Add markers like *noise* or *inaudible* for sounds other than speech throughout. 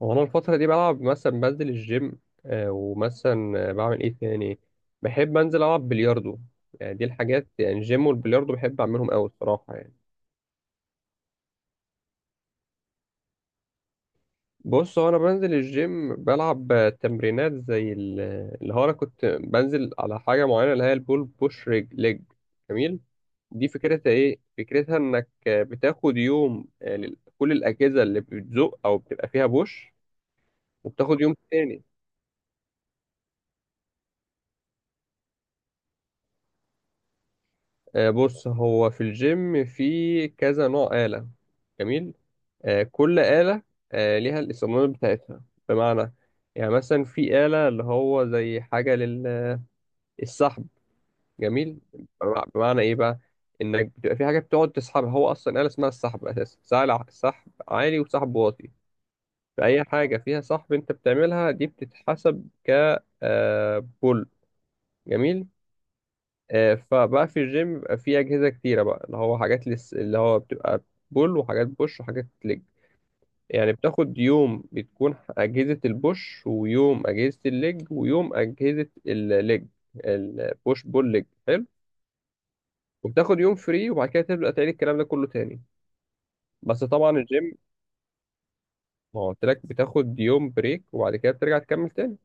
وانا الفترة دي بلعب مثلا بنزل الجيم، ومثلا بعمل ايه تاني. بحب انزل العب بلياردو. يعني دي الحاجات، يعني الجيم والبلياردو بحب اعملهم قوي الصراحة يعني. بص هو انا بنزل الجيم بلعب تمرينات زي اللي هو انا كنت بنزل على حاجة معينة اللي هي البول بوش ريج ليج. جميل. دي فكرتها ايه؟ فكرتها انك بتاخد يوم، كل الاجهزة اللي بتزق او بتبقى فيها بوش، وبتاخد يوم تاني. بص هو في الجيم في كذا نوع آلة. جميل. كل آلة ليها الاستخدامات بتاعتها. بمعنى يعني مثلا في آلة اللي هو زي حاجة للسحب. جميل. بمعنى إيه بقى، إنك بتبقى في حاجة بتقعد تسحبها، هو أصلا آلة اسمها السحب أساسا، سهل سحب عالي وسحب واطي. فأي حاجة فيها سحب أنت بتعملها دي بتتحسب ك بول. جميل. فبقى في الجيم بيبقى في أجهزة كتيرة بقى، اللي هو حاجات اللي هو بتبقى بول، وحاجات بوش، وحاجات ليج. يعني بتاخد يوم بتكون أجهزة البوش، ويوم أجهزة الليج، البوش بول ليج، حلو. وبتاخد يوم فري، وبعد كده تبدأ تعيد الكلام ده كله تاني. بس طبعا الجيم، ما هو قلت لك بتاخد يوم بريك وبعد كده بترجع تكمل تاني.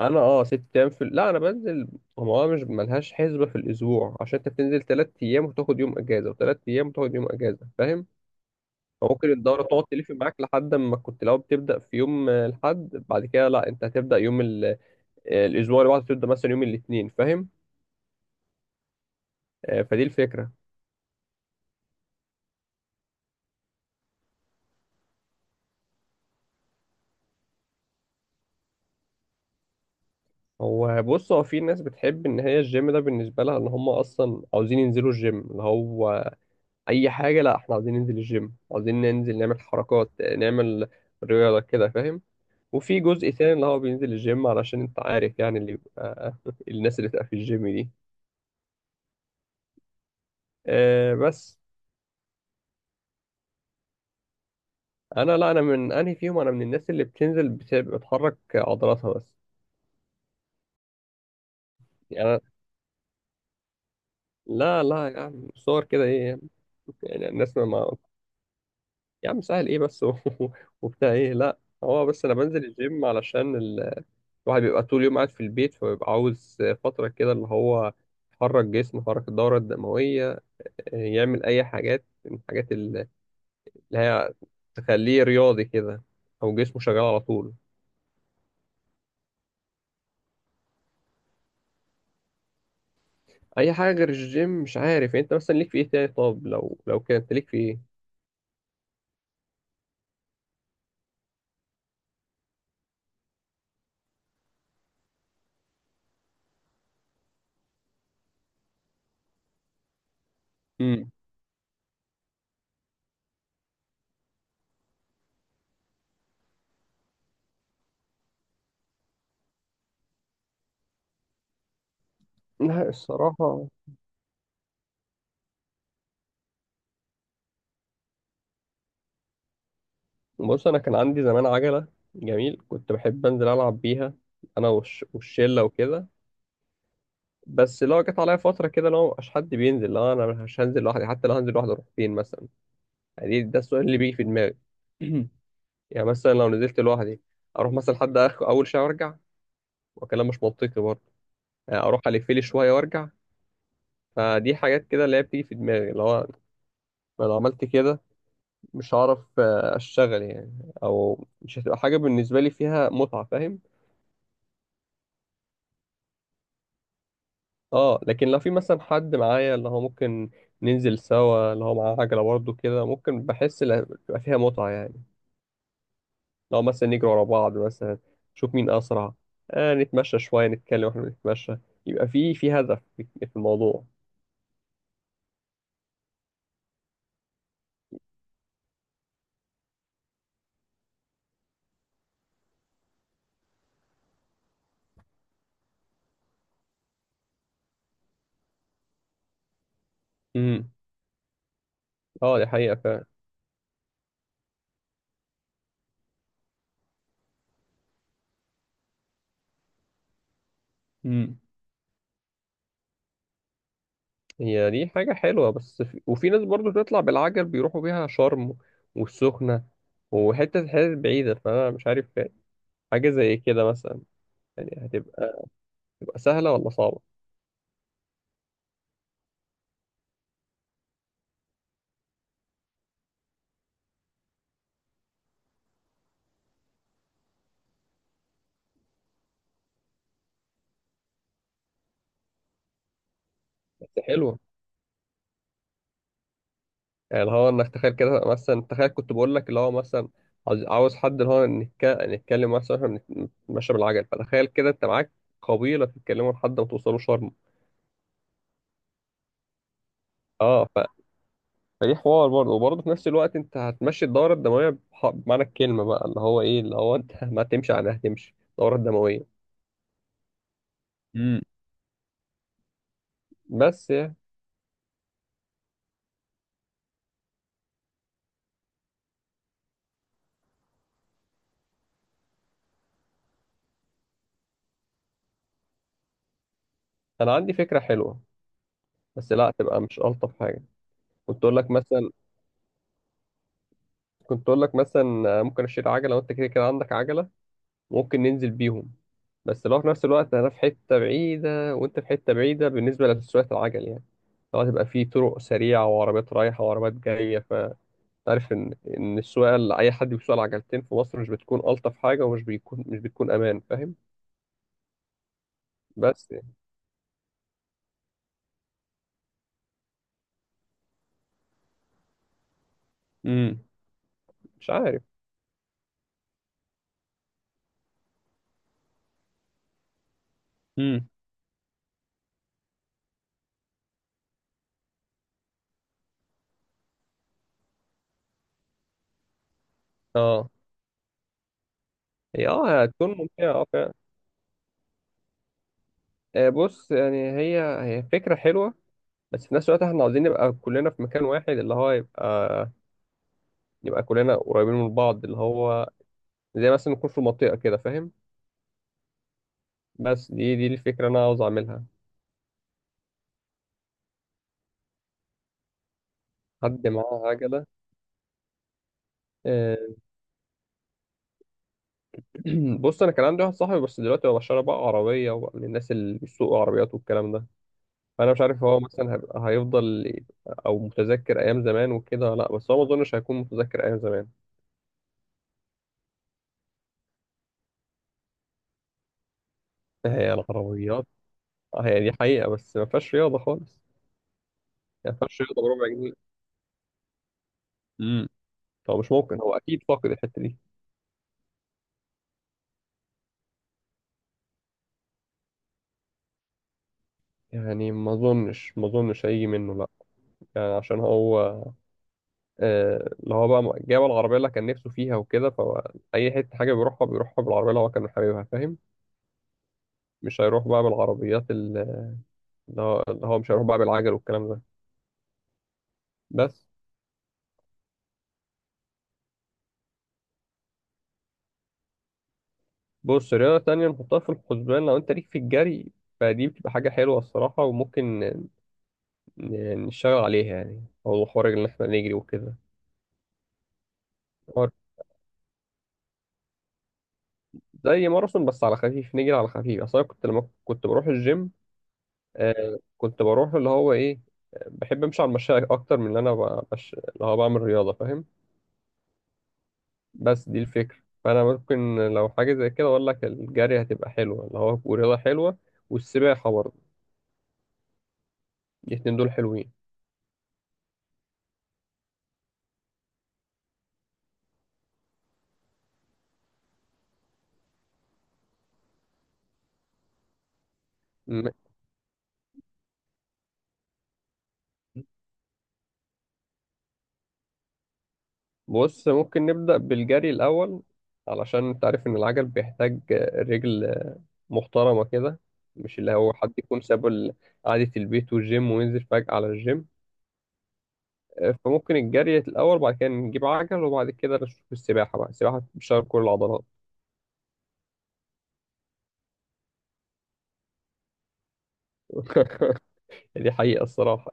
انا اه 6 ايام في، لا انا بنزل، هو أنا مش ملهاش حسبه في الاسبوع، عشان انت بتنزل 3 ايام وتاخد يوم اجازه، وتلات ايام وتاخد يوم اجازه، فاهم؟ فممكن الدوره تقعد تلف معاك لحد ما، كنت لو بتبدا في يوم الحد، بعد كده لا انت هتبدا يوم الاسبوع اللي بعده تبدا مثلا يوم الاثنين، فاهم؟ فدي الفكره. هو بص هو في ناس بتحب ان هي الجيم ده بالنسبه لها، ان هم اصلا عاوزين ينزلوا الجيم اللي هو اي حاجه، لا احنا عاوزين ننزل الجيم، عاوزين ننزل نعمل حركات نعمل رياضه كده، فاهم؟ وفي جزء تاني اللي هو بينزل الجيم علشان انت عارف يعني اللي بيبقى *laughs* الناس اللي بتبقى في الجيم دي آه بس. انا لا، انا من انهي فيهم؟ انا من الناس اللي بتنزل بتحرك عضلاتها بس. يعني لا لا يعني صور كده ايه يعني. يعني الناس يا عم سهل ايه بس *laughs* وبتاع ايه، لا هو بس انا بنزل الجيم علشان الواحد بيبقى طول اليوم قاعد في البيت، فبيبقى عاوز فترة كده اللي هو يحرك جسمه، يحرك الدورة الدموية، يعمل اي حاجات من الحاجات اللي هي تخليه رياضي كده، او جسمه شغال على طول. اي حاجه غير الجيم، مش عارف يعني، انت مثلا ليك في ايه تاني؟ طب لو كده انت ليك في ايه؟ امم. لا الصراحه، بص انا كان عندي زمان عجله، جميل، كنت بحب انزل العب بيها انا والشله وكده. بس لو جت عليا فتره كده لو مبقاش حد بينزل، لا انا مش هنزل لوحدي، حتى لو هنزل لوحدي اروح فين مثلا؟ يعني ده السؤال اللي بيجي في دماغي. *clears throat* يعني مثلا لو نزلت لوحدي، اروح مثلا لحد اخر اول شارع وارجع؟ وكلام مش منطقي برضه، اروح الف لي شويه وارجع؟ فدي حاجات كده اللي هي بتيجي في دماغي، اللي هو أنا لو عملت كده مش هعرف اشتغل يعني، او مش هتبقى حاجه بالنسبه لي فيها متعه، فاهم؟ اه لكن لو في مثلا حد معايا اللي هو ممكن ننزل سوا، اللي هو معاه عجله برضه كده، ممكن بحس إن بتبقى فيها متعه يعني. لو مثلا نجري ورا بعض مثلا، نشوف مين اسرع، آه نتمشى شويه نتكلم واحنا بنتمشى، يبقى في هدف في الموضوع. امم. اه دي حقيقه فعلا. هي دي حاجة حلوة، بس وفي ناس برضو بتطلع بالعجل بيروحوا بيها شرم والسخنة وحتة حتت بعيدة، فأنا مش عارف حاجة زي كده مثلا يعني هتبقى سهلة ولا صعبة. بس حلوة، يعني اللي هو إنك تخيل كده مثلا، تخيل كنت بقول لك اللي هو مثلا عاوز حد اللي هو نتكلم مثلا، إحنا نتمشى بالعجل، فتخيل كده أنت معاك قبيلة تتكلموا لحد ما توصلوا شرم. اه فدي حوار برضه، وبرضه في نفس الوقت انت هتمشي الدورة الدموية، بمعنى الكلمة بقى، اللي هو ايه اللي هو انت ما تمشي عليها هتمشي الدورة الدموية. امم، بس يعني. انا عندي فكرة حلوة، بس لا تبقى مش ألطف حاجة. كنت اقول لك مثلا، ممكن اشيل عجلة وانت كده كده عندك عجلة، ممكن ننزل بيهم. بس لو في نفس الوقت انا في حتة بعيدة وانت في حتة بعيدة بالنسبة لسواقة العجل يعني، لو هتبقى في طرق سريعة وعربيات رايحة وعربيات جاية، تعرف ان السواقه اللي اي حد بيسوق العجلتين في مصر مش بتكون الطف حاجه، ومش بيكون مش بتكون امان، فاهم؟ بس يعني. امم. مش عارف. امم. اه هي اه هتكون ممتعه اه فعلا. بص يعني هي فكره حلوه، بس في نفس الوقت احنا عاوزين نبقى كلنا في مكان واحد، اللي هو يبقى كلنا قريبين من بعض، اللي هو زي مثلا نكون في منطقه كده، فاهم؟ بس دي الفكره اللي انا عاوز اعملها. حد معاه عجله؟ آه، *clears throat* بص انا كان عندي واحد صاحبي، بس دلوقتي هو بشتري بقى عربيه، وبقى من الناس اللي بيسوقوا عربيات والكلام ده، فانا مش عارف هو مثلا هيبقى هيفضل او متذكر ايام زمان وكده، لا بس هو ما اظنش هيكون متذكر ايام زمان. هي العربيات، هي دي حقيقه بس ما فيهاش رياضه خالص، يعني ما فيهاش رياضه بربع جنيه. امم. هو مش ممكن، هو اكيد فاقد الحته دي. يعني ما اظنش هيجي منه لا. يعني عشان هو اللي هو بقى جاب العربيه اللي كان نفسه فيها وكده، فاي حته حاجه بيروحها بالعربيه اللي هو كان حاببها، فاهم؟ مش هيروح بقى بالعربيات اللي هو مش هيروح بقى بالعجل والكلام ده، بس. بص رياضة تانية نحطها في الحسبان، لو انت ليك في الجري فدي بتبقى حاجة حلوة الصراحة، وممكن نشتغل عليها، يعني هو حوار ان احنا نجري وكده، حوار. زي ماراثون، بس على خفيف نجري على خفيف، اصل انا كنت لما كنت بروح الجيم، آه كنت بروح اللي هو ايه، بحب امشي على المشاية اكتر من اللي انا اللي هو بعمل رياضة، فاهم؟ بس دي الفكرة. فأنا ممكن لو حاجة زي كده أقول لك الجري هتبقى حلوة، اللي هو ورياضة حلوة، والسباحة برضه. الاتنين دول حلوين. م- بص ممكن نبدأ بالجري الأول، علشان أنت عارف إن العجل بيحتاج رجل محترمة كده، مش اللي هو حد يكون ساب قعدة البيت والجيم وينزل فجأة على الجيم. فممكن الجري الأول، بعد كده نجيب عجل، وبعد كده نشوف السباحة بقى، السباحة بتشغل كل العضلات. *laughs* دي حقيقة الصراحة.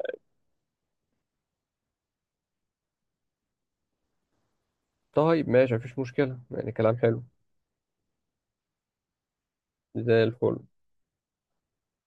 طيب ماشي، مفيش مشكلة يعني، كلام حلو. زي الفل.